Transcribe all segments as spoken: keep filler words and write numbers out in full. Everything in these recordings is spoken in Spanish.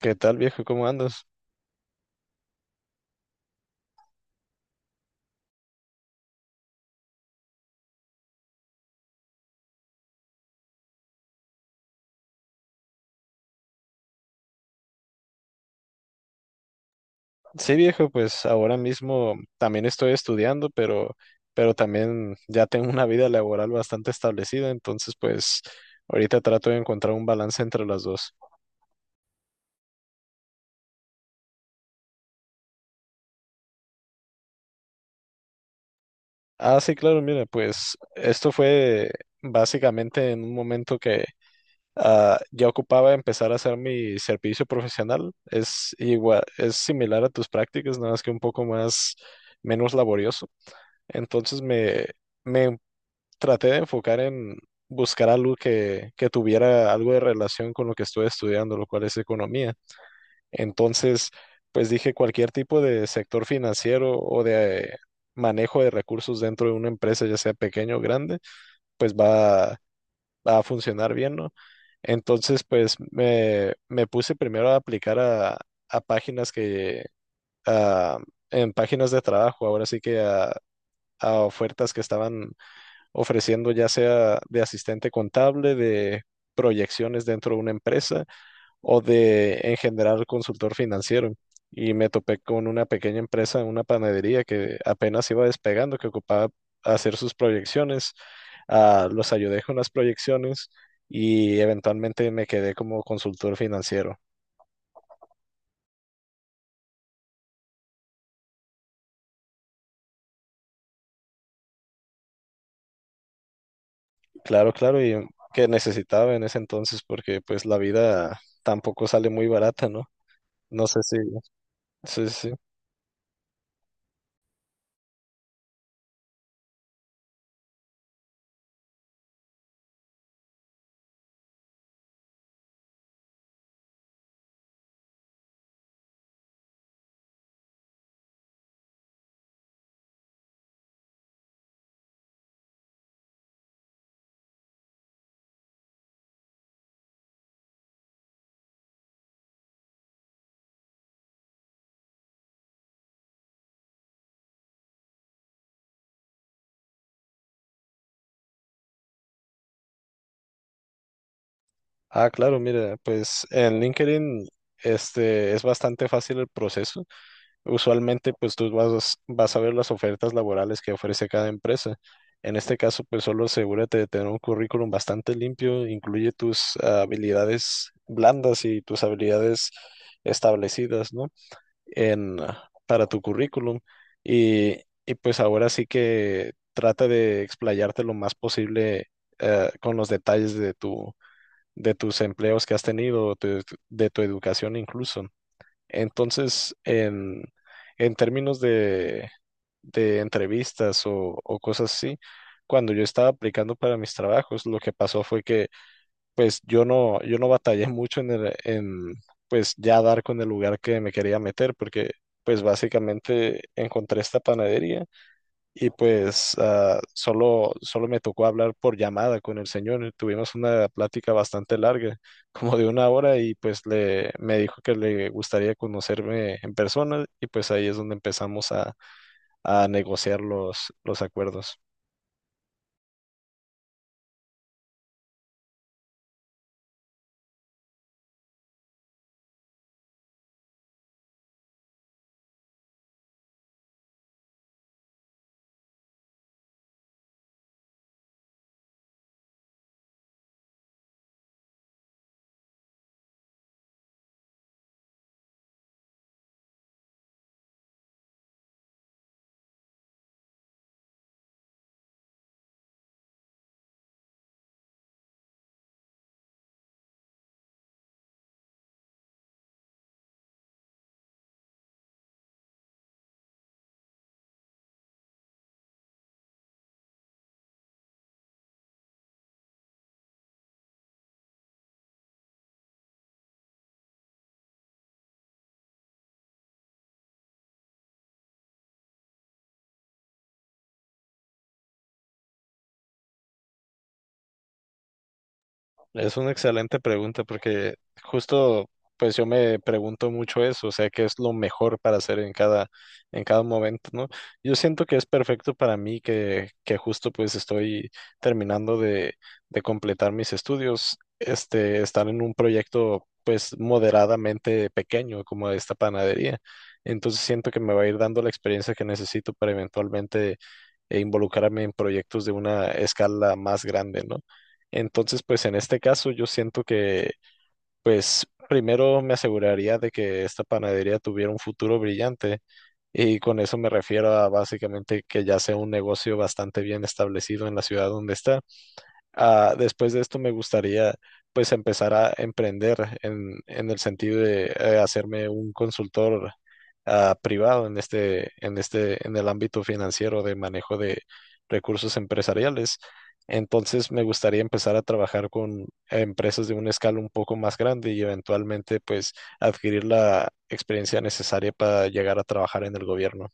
¿Qué tal, viejo? ¿Cómo andas? Sí, viejo, pues ahora mismo también estoy estudiando, pero, pero también ya tengo una vida laboral bastante establecida, entonces pues ahorita trato de encontrar un balance entre las dos. Ah, sí, claro, mira, pues esto fue básicamente en un momento que ah, ya ocupaba empezar a hacer mi servicio profesional. Es igual, es similar a tus prácticas, nada más que un poco más menos laborioso. Entonces me me traté de enfocar en buscar algo que, que tuviera algo de relación con lo que estuve estudiando, lo cual es economía. Entonces, pues dije cualquier tipo de sector financiero o de manejo de recursos dentro de una empresa, ya sea pequeño o grande, pues va, va a funcionar bien, ¿no? Entonces, pues me, me puse primero a aplicar a, a páginas que, a- en páginas de trabajo, ahora sí que a a ofertas que estaban ofreciendo ya sea de asistente contable, de proyecciones dentro de una empresa o de en general consultor financiero. Y me topé con una pequeña empresa, una panadería que apenas iba despegando, que ocupaba hacer sus proyecciones. Ah, los ayudé con las proyecciones y eventualmente me quedé como consultor financiero. Claro, claro, y que necesitaba en ese entonces porque pues la vida tampoco sale muy barata, ¿no? No sé si, sí, sí. Ah, claro, mira, pues en LinkedIn este, es bastante fácil el proceso. Usualmente, pues tú vas, vas a ver las ofertas laborales que ofrece cada empresa. En este caso, pues solo asegúrate de tener un currículum bastante limpio, incluye tus ah, habilidades blandas y tus habilidades establecidas, ¿no? En, ah, para tu currículum. Y, y pues ahora sí que trata de explayarte lo más posible eh, con los detalles de tu de tus empleos que has tenido, de, tu de tu educación incluso. Entonces, en, en términos de, de entrevistas o, o cosas así, cuando yo estaba aplicando para mis trabajos, lo que pasó fue que pues yo no, yo no batallé mucho en, el- en pues ya dar con el lugar que me quería meter, porque pues básicamente encontré esta panadería y pues ah, solo, solo me tocó hablar por llamada con el señor. Tuvimos una plática bastante larga, como de una hora, y pues le, me dijo que le gustaría conocerme en persona y pues ahí es donde empezamos a, a negociar los, los acuerdos. Es una excelente pregunta porque justo pues yo me pregunto mucho eso, o sea, qué es lo mejor para hacer en cada en cada momento, ¿no? Yo siento que es perfecto para mí que que justo pues estoy terminando de de completar mis estudios, este estar en un proyecto pues moderadamente pequeño como esta panadería. Entonces siento que me va a ir dando la experiencia que necesito para eventualmente eh, involucrarme en proyectos de una escala más grande, ¿no? Entonces, pues en este caso yo siento que, pues primero me aseguraría de que esta panadería tuviera un futuro brillante y con eso me refiero a básicamente que ya sea un negocio bastante bien establecido en la ciudad donde está. Ah, después de esto me gustaría pues empezar a emprender en, en el sentido de eh, hacerme un consultor ah, privado en este, en este, en el ámbito financiero de manejo de recursos empresariales. Entonces me gustaría empezar a trabajar con empresas de una escala un poco más grande y eventualmente pues adquirir la experiencia necesaria para llegar a trabajar en el gobierno.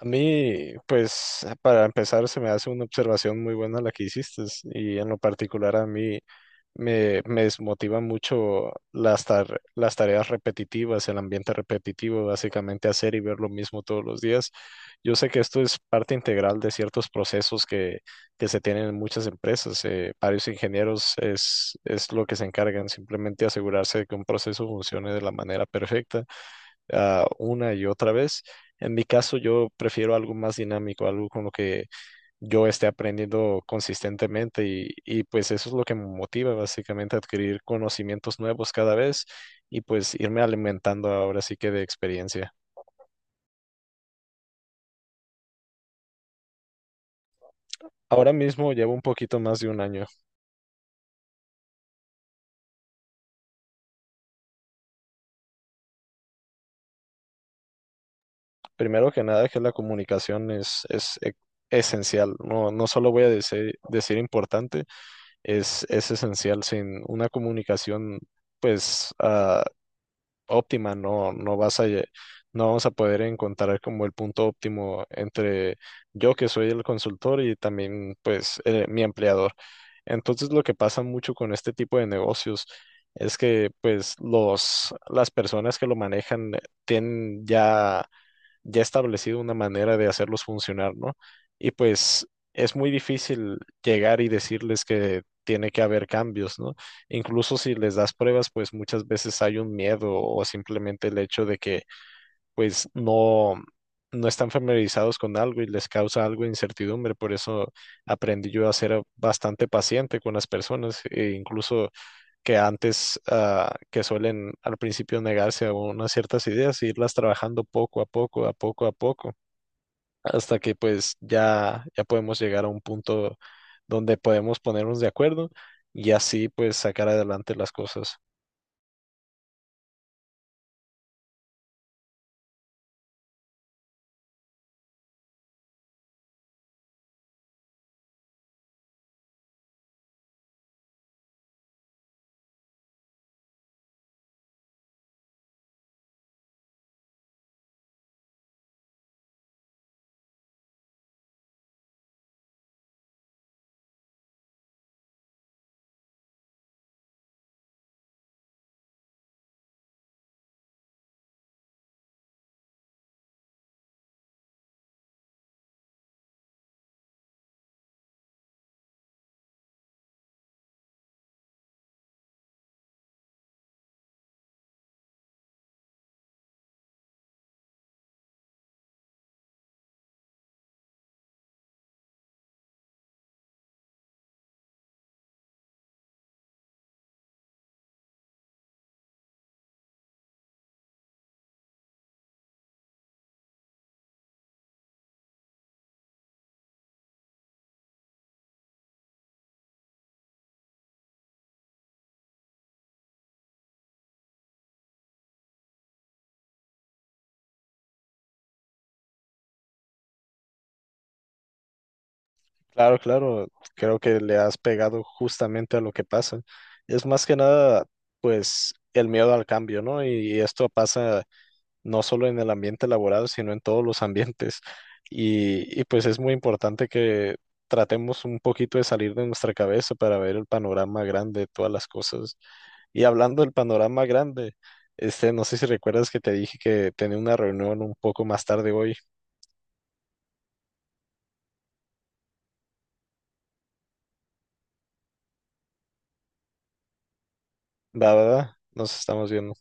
A mí, pues, para empezar, se me hace una observación muy buena la que hiciste y en lo particular a mí me, me desmotiva mucho las, tar- las tareas repetitivas, el ambiente repetitivo, básicamente hacer y ver lo mismo todos los días. Yo sé que esto es parte integral de ciertos procesos que, que se tienen en muchas empresas. Eh, varios ingenieros es, es lo que se encargan, simplemente asegurarse de que un proceso funcione de la manera perfecta ah, una y otra vez. En mi caso, yo prefiero algo más dinámico, algo con lo que yo esté aprendiendo consistentemente y, y pues eso es lo que me motiva básicamente a adquirir conocimientos nuevos cada vez y pues irme alimentando ahora sí que de experiencia. Ahora mismo llevo un poquito más de un año. Primero que nada, que la comunicación es, es e- esencial. No, no solo voy a dese- decir, importante, es, es esencial. Sin una comunicación, pues, ah, óptima, no, no vas a, lle- no vamos a poder encontrar como el punto óptimo entre yo que soy el consultor y también pues eh, mi empleador. Entonces lo que pasa mucho con este tipo de negocios es que pues los, las personas que lo manejan eh, tienen ya ya establecido una manera de hacerlos funcionar, ¿no? Y pues es muy difícil llegar y decirles que tiene que haber cambios, ¿no? Incluso si les das pruebas, pues muchas veces hay un miedo o simplemente el hecho de que pues no no están familiarizados con algo y les causa algo de incertidumbre, por eso aprendí yo a ser bastante paciente con las personas e incluso que antes, ah, que suelen al principio negarse a unas ciertas ideas, e irlas trabajando poco a poco, a poco a poco, hasta que pues ya, ya podemos llegar a un punto donde podemos ponernos de acuerdo y así pues sacar adelante las cosas. Claro, claro, creo que le has pegado justamente a lo que pasa. Es más que nada pues el miedo al cambio, ¿no? Y esto pasa no solo en el ambiente laboral, sino en todos los ambientes. Y, y pues es muy importante que tratemos un poquito de salir de nuestra cabeza para ver el panorama grande de todas las cosas. Y hablando del panorama grande, este, no sé si recuerdas que te dije que tenía una reunión un poco más tarde hoy. Va, va, va, nos estamos viendo.